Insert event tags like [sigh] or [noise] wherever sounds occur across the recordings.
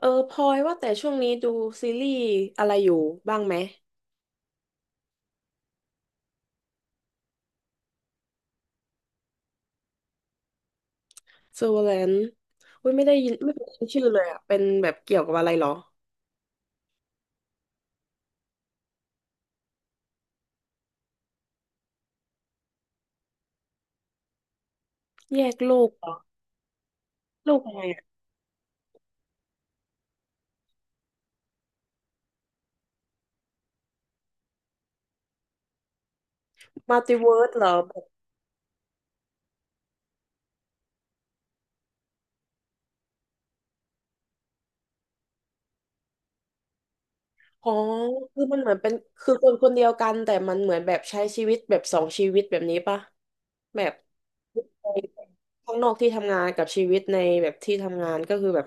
เออพลอยว่าแต่ช่วงนี้ดูซีรีส์อะไรอยู่บ้างไหม Servant อุ้ยไม่ได้ยินไม่เคยได้ยินชื่อเลยอ่ะเป็นแบบเกี่ยวกับอะไรเหรอแยกโลกเหรอโลกอะไรอะมัลติเวิร์สเหรอแบบอ๋อคือมันเหมือนเป็นคือคนคนเดียวกันแต่มันเหมือนแบบใช้ชีวิตแบบสองชีวิตแบบนี้ปะแบบข้างนอกที่ทำงานกับชีวิตในแบบที่ทำงานก็คือแบบ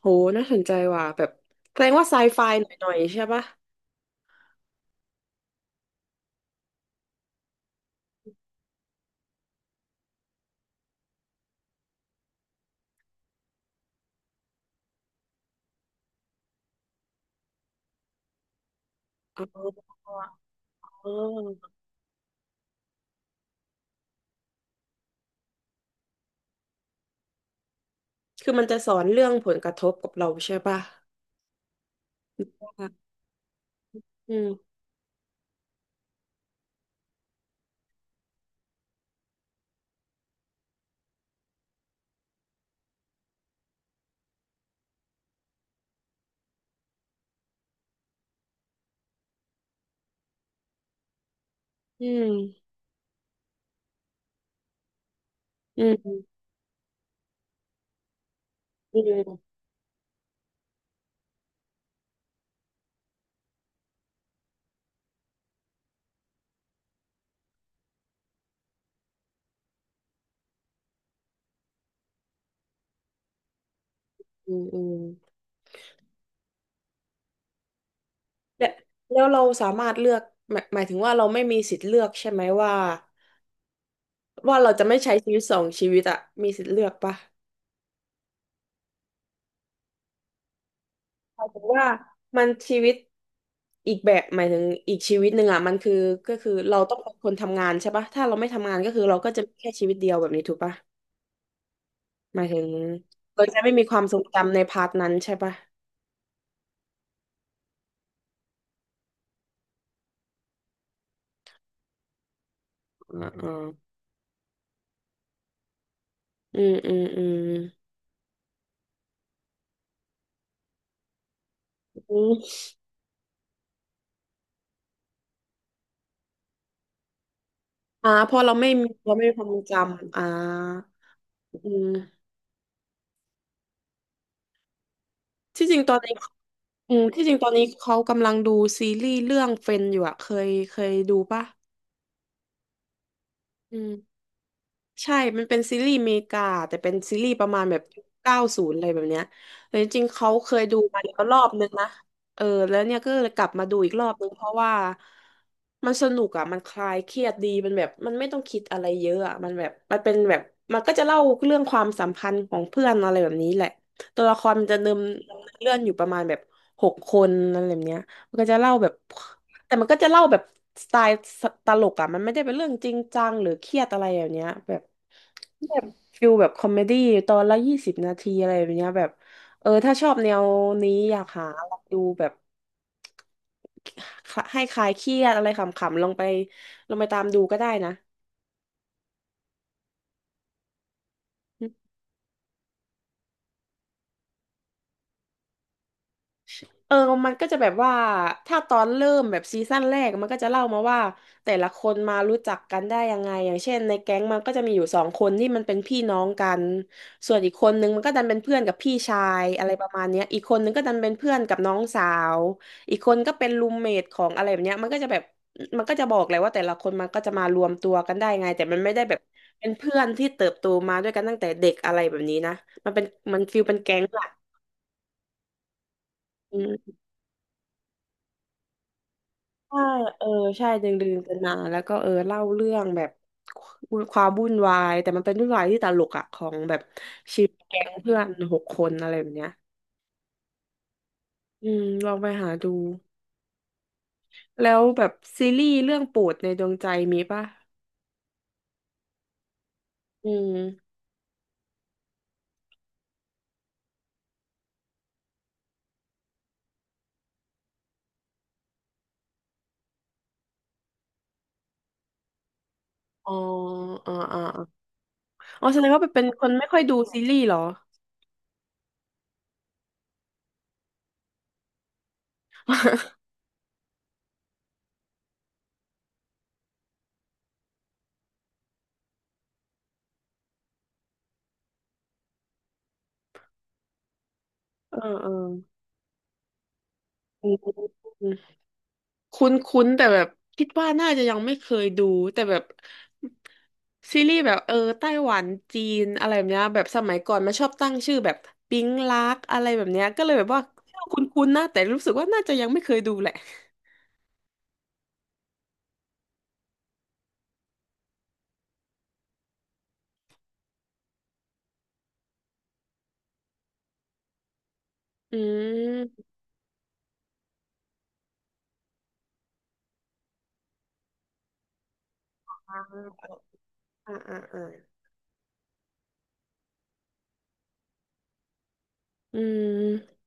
โหน่าสนใจว่ะแบบแสดงว่าไซไฟหน่อยๆใช่ปะอ๋อ คือมันจะสอนเรื่องผลกระทบกับเราใช่ป่ะอืมอืมอืมอืมอืมอืมและแล้วเราสามารถเลือกหมายถึงว่าเราไม่มีสิทธิ์เลือกใช่ไหมว่า ว่าเราจะไม่ใช้ชีวิตสองชีวิตอะมีสิทธิ์เลือกปะหมายถึงว่ามันชีวิตอีกแบบหมายถึงอีกชีวิตหนึ่งอะมันคือก็คือเราต้องเป็นคนทำงานใช่ปะถ้าเราไม่ทำงานก็คือเราก็จะมีแค่ชีวิตเดียวแบบนี้ถูกปะหมายถึงเราจะไม่มีความทรงจำในพาร์ทนั้นใช่ปะอ่าอ่าอืมอืมอืม อืมอ่าพอเราไม่มีความทรงจำอ่าอืมที่จริงตอนนี้ อืมที่จริงตอนนี้เขากำลังดูซีรีส์เรื่องเฟนอยู่อะเคยดูปะอืม ใช่มันเป็นซีรีส์อเมริกาแต่เป็นซีรีส์ประมาณแบบ90อะไรแบบเนี้ยแต่จริงๆเขาเคยดูมาแล้วรอบนึงนะเออแล้วเนี่ยก็เลยกลับมาดูอีกรอบนึงเพราะว่ามันสนุกอ่ะมันคลายเครียดดีมันแบบมันไม่ต้องคิดอะไรเยอะอ่ะมันแบบมันเป็นแบบมันก็จะเล่าเรื่องความสัมพันธ์ของเพื่อนอะไรแบบนี้แหละตัวละครมันจะเนิมเรื่องอยู่ประมาณแบบหกคนอะไรแบบเนี้ยมันก็จะเล่าแบบแต่มันก็จะเล่าแบบสไตล์ตลกอ่ะมันไม่ได้เป็นเรื่องจริงจังหรือเครียดอะไรอย่างเนี้ยแบบ แบบฟิลแบบคอมเมดี้ตอนละ20 นาทีอะไรแบบเนี้ยแบบเออถ้าชอบแนวนี้อยากหาลองดูแบบให้คลายเครียดอะไรขำๆลองไปตามดูก็ได้นะ เออมันก็จะแบบว่าถ้าตอนเริ่มแบบซีซั่นแรกมันก็จะเล่ามาว่าแต่ละคนมารู้จักกันได้ยังไง อย่างเช่นในแก๊งมันก็จะมีอยู่สองคนที่มันเป็นพี่น้องกัน ส่วนอีกคนนึงมันก็ดันเป็นเพื่อนกับพี่ชายอะไรประมาณเนี้ยอีกคนนึงก็ดันเป็นเพื่อนกับน้องสาว อีกคนก็เป็นรูมเมทของอะไรแบบเนี้ยมันก็จะแบบมันก็จะบอกเลยว่าแต่ละคนมันก็จะมารวมตัวกันได้ไงแต่มันไม่ได้แบบเป็นเพื่อนที่เติบโตมาด้วยกันตั้งแต่เด็กอะไรแบบนี้นะมันเป็นมันฟีลเป็นแก๊งอะ ใช่เออใช่ดึงดึงกันมาแล้วก็เออเล่าเรื่องแบบความวุ่นวายแต่มันเป็นวุ่นวายที่ตลกอะของแบบชีวิตแก๊งเพื่อนหกคนอะไรแบบเนี้ยอืมลองไปหาดูแล้วแบบซีรีส์เรื่องโปรดในดวงใจมีป่ะอืมอ๋ออ๋ออ๋ออ๋ออ๋อแสดงว่าเป็นคนไม่ค่อยดูซีรีส์เหรอเออเอออืม คุ้นๆแต่แบบคิดว่าน่าจะยังไม่เคยดูแต่แบบซีรีส์แบบเออไต้หวันจีนอะไรแบบเนี้ยแบบสมัยก่อนมันชอบตั้งชื่อแบบปิ๊งลักอะไรแบบเนี้ยก็เลยแบบว่าชื่อคุ้นๆนะแต่รู้สึกว่าน่าจะยังไม่เคยดูแหละอืมอ่าอ่าอ่าอ่าอืม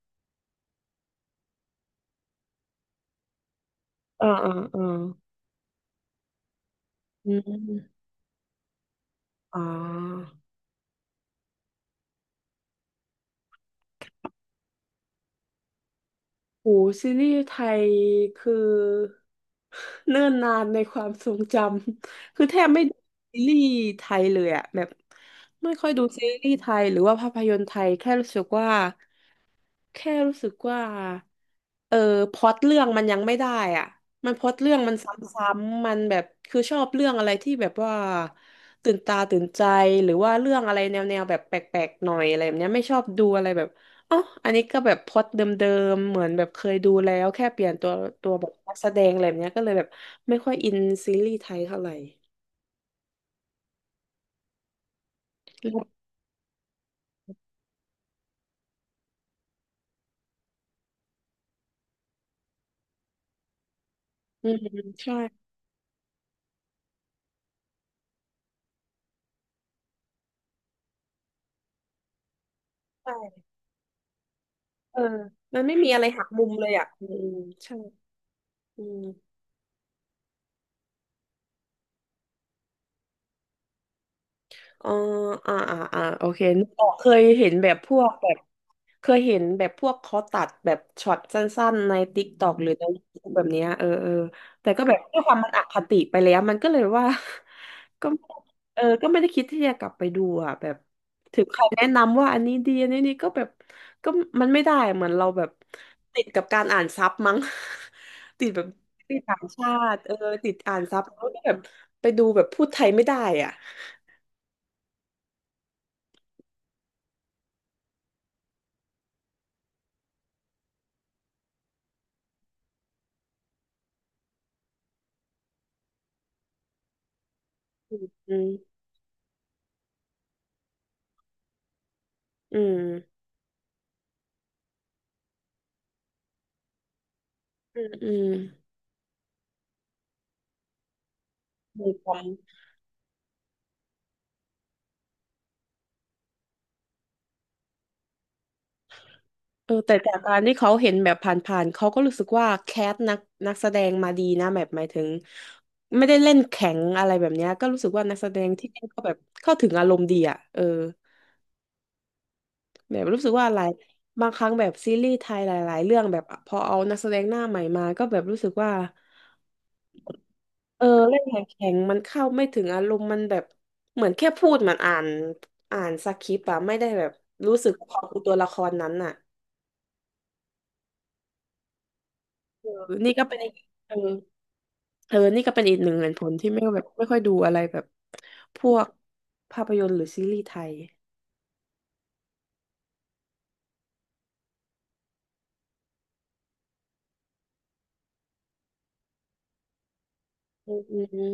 อ่าอ่าอ่าอืมอ๋อ โอ้ซีรีส์ไทยคือเนิ่นนานในความทรงจำ [laughs] คือแทบไม่ดูซีรีส์ไทยเลยอะแบบไม่ค่อยดูซีรีส์ไทยหรือว่าภาพยนตร์ไทยแค่รู้สึกว่าแค่รู้สึกว่า เออพล็อตเรื่องมันยังไม่ได้อ่ะมันพล็อตเรื่องมันซ้ำๆมันแบบคือชอบเรื่องอะไรที่แบบว่าตื่นตาตื่นใจหรือว่าเรื่องอะไรแนวๆแบบแปลกๆหน่อยอะไรแบบเนี้ยไม่ชอบดูอะไรแบบอ๋ออันนี้ก็แบบพล็อตเดิมๆเหมือนแบบเคยดูแล้วแค่เปลี่ยนตัวตัวแบบนักแสดงอะไรแบบเนี้ยก็เลยแบบไม่ค่อยอินซีรีส์ไทยเท่าไหร่แล้วอืมใช่ใช่เออมันไม่มีอะไรหักมุมเลยอ่ะอืมใช่อืม อ๋ออ่าอ่าอ่าโอเคนึกออกเคยเห็นแบบพวกแบบเคยเห็นแบบพวกเขาตัดแบบช็อตสั้นๆในติ๊กตอกหรือใน YouTube แบบเนี้ยเออเออแต่ก็แบบด้วยความมันอคติไปแล้วมันก็เลยว่า [laughs] ก็เออก็ไม่ได้คิดที่จะกลับไปดูอ่ะแบบถึงใครแนะนำว่าอันนี้ดีอันนี้นี่ก็แบบก็มันไม่ได้เหมือนเราแบบติดกับการอ่านซับมั้ง [laughs] ติดแบบติดต่างชาติเออติดอ่านซับแล้วก็แบบไปดูแบบพูดไทยไม่ได้อ่ะอืมอืม อืมอืมมีความเออแต่จากการที่เขาเห็นแบบผ่านๆเขาก็รู้สึกว่าแคสนักนักแสดงมาดีนะแบบหมายถึงไม่ได้เล่นแข็งอะไรแบบเนี้ยก็รู้สึกว่านักแสดงที่เล่นก็แบบเข้าถึงอารมณ์ดีอ่ะเออแบบรู้สึกว่าหลายบางครั้งแบบซีรีส์ไทยหลายๆเรื่องแบบพอเอานักแสดงหน้าใหม่มาก็แบบรู้สึกว่าเออเล่นแข็งๆมันเข้าไม่ถึงอารมณ์มันแบบเหมือนแค่พูดเหมือนอ่านสคริปต์อะไม่ได้แบบรู้สึกขอบคุณตัวละครนั้นอะ เออนี่ก็เป็นอีกเออเออนี่ก็เป็นอีกหนึ่งเหตุผลที่ไม่แบบไม่ค่อยดูอะไรแบบพวกภาพยนตร์หรือซีรีส์ไทยอืมอืม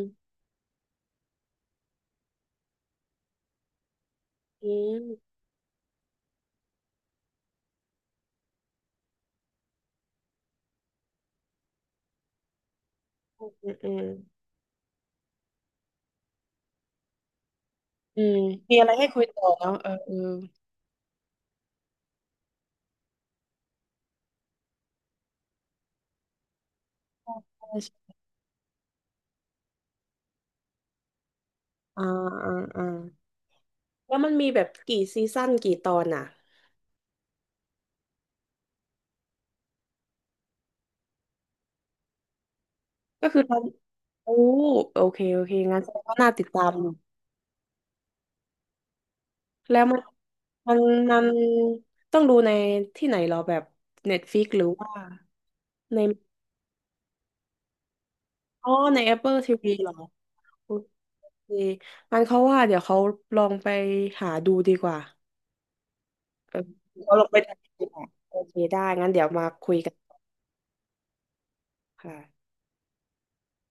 อืมอืมอืมอืมมีอะไรให้คุยต่อเนาะเออเออใช่ใช่อ่าอ่าอ่าแล้วมันมีแบบกี่ซีซั่นกี่ตอนอ่ะ ก็คือตอนโอ้โอเค โอเคงั้นก็น่าติดตามอยู่แล้วมันมันต้องดูในที่ไหนเหรอแบบ Netflix หรือว่าในอ๋อใน Apple TV เหรอ ดีงั้นเขาว่าเดี๋ยวเขาลองไปหาดูดีกว่าเออเขาลองไปทำดีกว่าโอเคได้งั้นเดี๋ยวมาคุยกันค่ะ